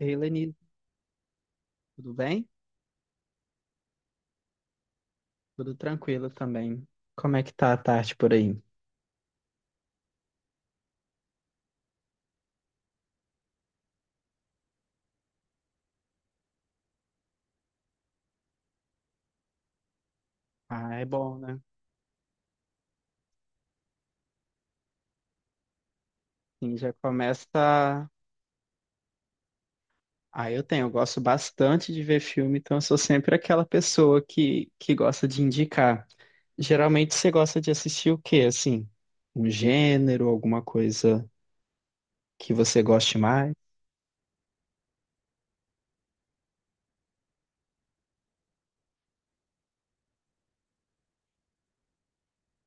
Ei, Leni, tudo bem? Tudo tranquilo também. Como é que tá a tarde por aí? Ah, é bom, né? Sim, já começa. Ah, eu tenho, eu gosto bastante de ver filme, então eu sou sempre aquela pessoa que gosta de indicar. Geralmente você gosta de assistir o quê, assim? Um gênero, alguma coisa que você goste mais?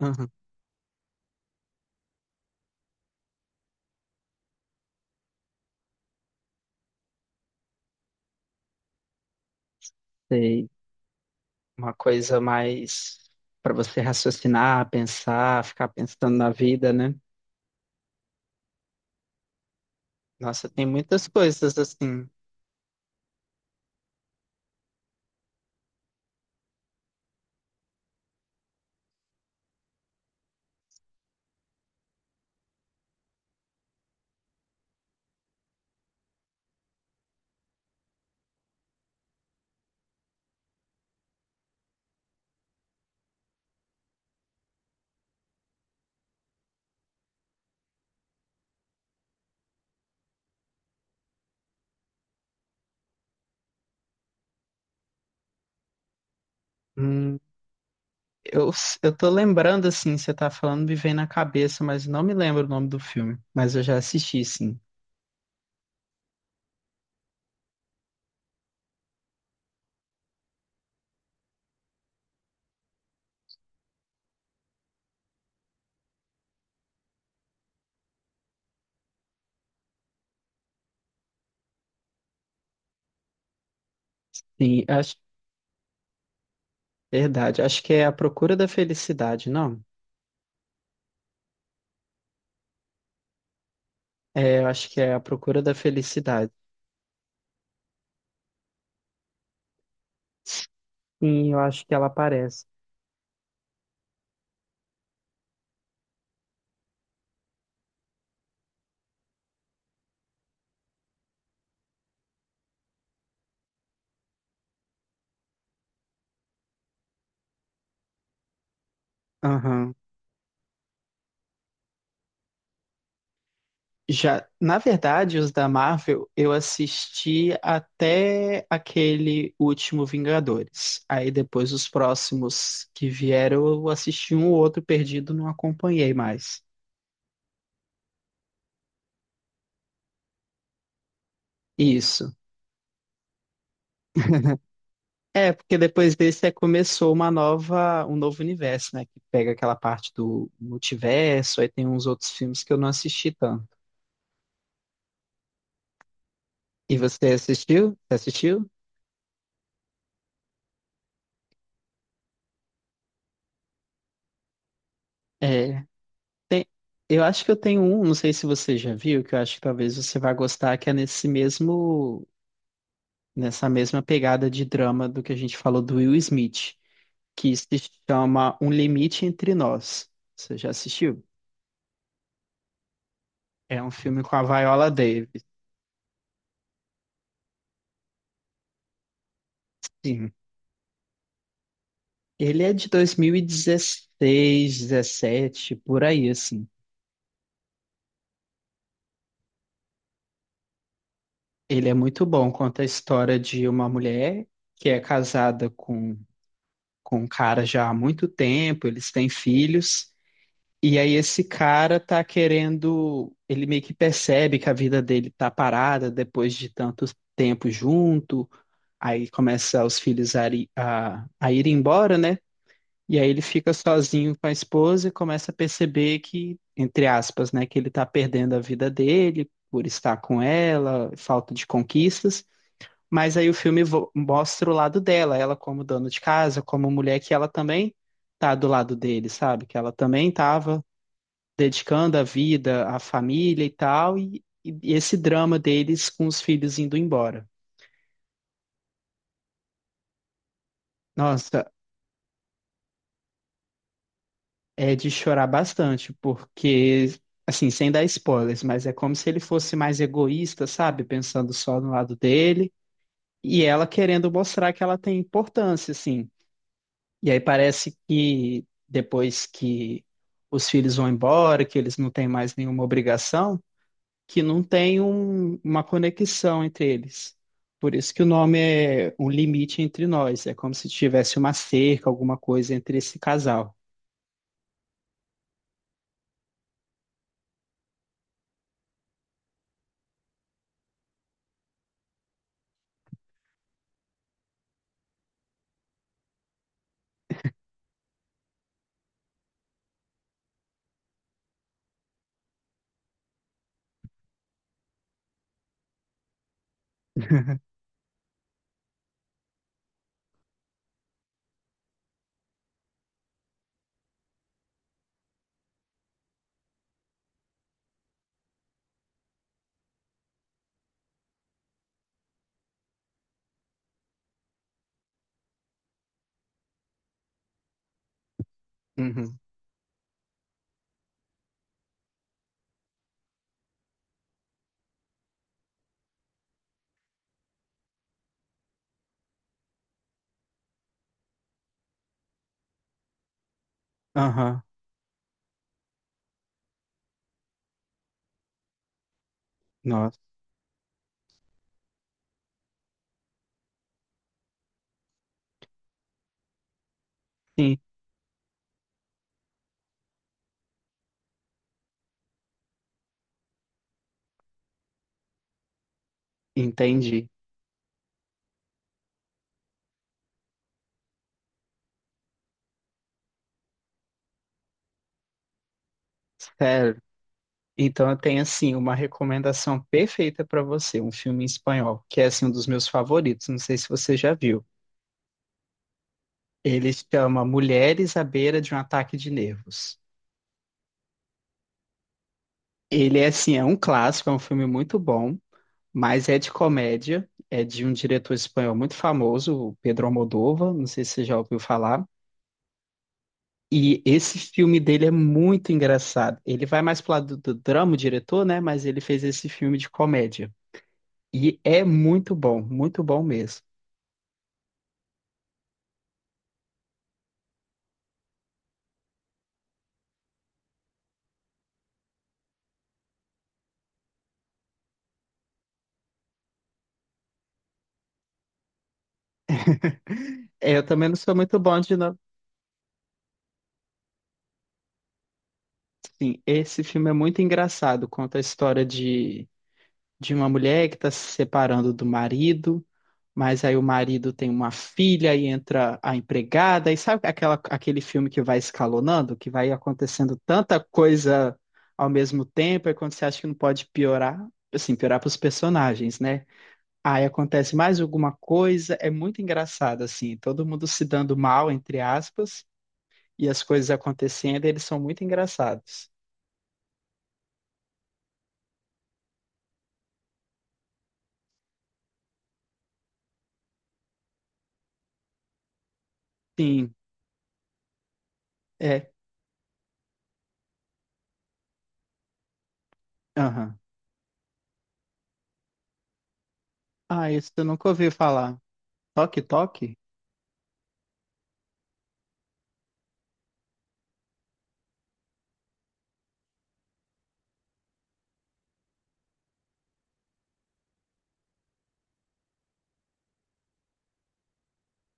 Aham. Sei. Uma coisa mais para você raciocinar, pensar, ficar pensando na vida, né? Nossa, tem muitas coisas assim. Hum, Eu, eu tô lembrando, assim, você tá falando, me vem na cabeça, mas não me lembro o nome do filme. Mas eu já assisti, sim. Sim, acho, verdade. Acho que é A Procura da Felicidade, não? É, eu acho que é A Procura da Felicidade. Sim, eu acho que ela aparece. Aham. Já, na verdade, os da Marvel, eu assisti até aquele último Vingadores. Aí depois os próximos que vieram, eu assisti um ou outro perdido, não acompanhei mais. Isso. É, porque depois desse é, começou uma nova, um novo universo, né? Que pega aquela parte do multiverso, aí tem uns outros filmes que eu não assisti tanto. E você assistiu? Você assistiu? É, tem, eu acho que eu tenho um, não sei se você já viu, que eu acho que talvez você vá gostar, que é nesse mesmo, nessa mesma pegada de drama do que a gente falou do Will Smith, que se chama Um Limite Entre Nós. Você já assistiu? É um filme com a Viola Davis. Sim. Ele é de 2016, 2017, por aí, assim. Ele é muito bom, conta a história de uma mulher que é casada com um cara já há muito tempo, eles têm filhos, e aí esse cara tá querendo, ele meio que percebe que a vida dele tá parada depois de tanto tempo junto, aí começa os filhos a ir embora, né? E aí ele fica sozinho com a esposa e começa a perceber que, entre aspas, né, que ele está perdendo a vida dele por estar com ela, falta de conquistas. Mas aí o filme vo- mostra o lado dela, ela como dona de casa, como mulher que ela também tá do lado dele, sabe? Que ela também tava dedicando a vida, à família e tal, e esse drama deles com os filhos indo embora. Nossa, é de chorar bastante, porque, assim, sem dar spoilers, mas é como se ele fosse mais egoísta, sabe? Pensando só no lado dele, e ela querendo mostrar que ela tem importância, assim. E aí parece que depois que os filhos vão embora, que eles não têm mais nenhuma obrigação, que não tem um- uma conexão entre eles. Por isso que o nome é Um Limite Entre Nós. É como se tivesse uma cerca, alguma coisa entre esse casal. Uhum. Aham. Nossa. Sim, entendi. Sério. Então eu tenho assim uma recomendação perfeita para você, um filme em espanhol, que é assim um dos meus favoritos, não sei se você já viu. Ele se chama Mulheres à beira de um ataque de nervos. Ele é assim, é um clássico, é um filme muito bom, mas é de comédia, é de um diretor espanhol muito famoso, o Pedro Almodóvar, não sei se você já ouviu falar. E esse filme dele é muito engraçado. Ele vai mais pro lado do drama, o diretor, né? Mas ele fez esse filme de comédia. E é muito bom mesmo. É, eu também não sou muito bom de. No- sim, esse filme é muito engraçado. Conta a história de uma mulher que está se separando do marido, mas aí o marido tem uma filha e entra a empregada. E sabe aquela, aquele filme que vai escalonando, que vai acontecendo tanta coisa ao mesmo tempo, e quando você acha que não pode piorar, assim, piorar para os personagens, né? Aí acontece mais alguma coisa, é muito engraçado, assim, todo mundo se dando mal, entre aspas, e as coisas acontecendo, eles são muito engraçados. Sim, é, aham. Ah, isso eu nunca ouvi falar. Toque, toque?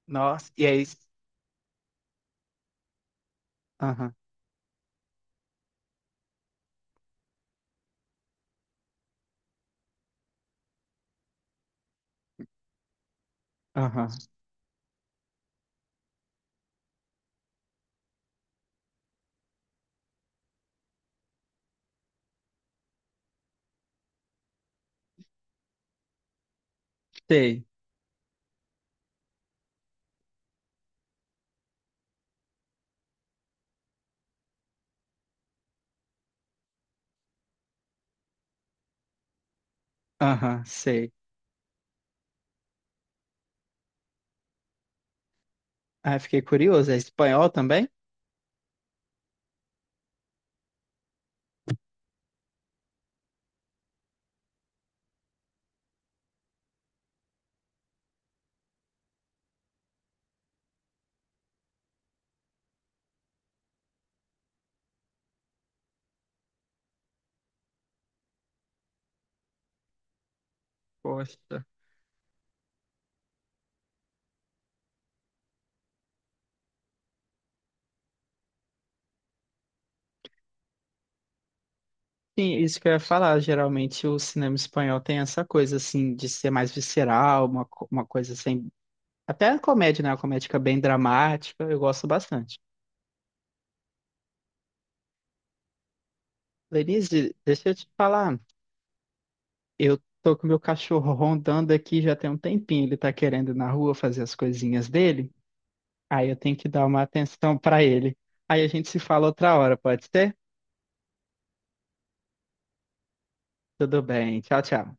Nossa, e aí, aham, aham, sei, aham, sei. Ah, fiquei curioso, é espanhol também? Poxa. Sim, isso que eu ia falar, geralmente o cinema espanhol tem essa coisa, assim, de ser mais visceral, uma, co- uma coisa assim, até a comédia, né? Uma comédia bem dramática, eu gosto bastante. Lenise, deixa eu te falar. Eu tô com meu cachorro rondando aqui já tem um tempinho. Ele tá querendo ir na rua fazer as coisinhas dele. Aí eu tenho que dar uma atenção pra ele. Aí a gente se fala outra hora, pode ser? Tudo bem. Tchau, tchau.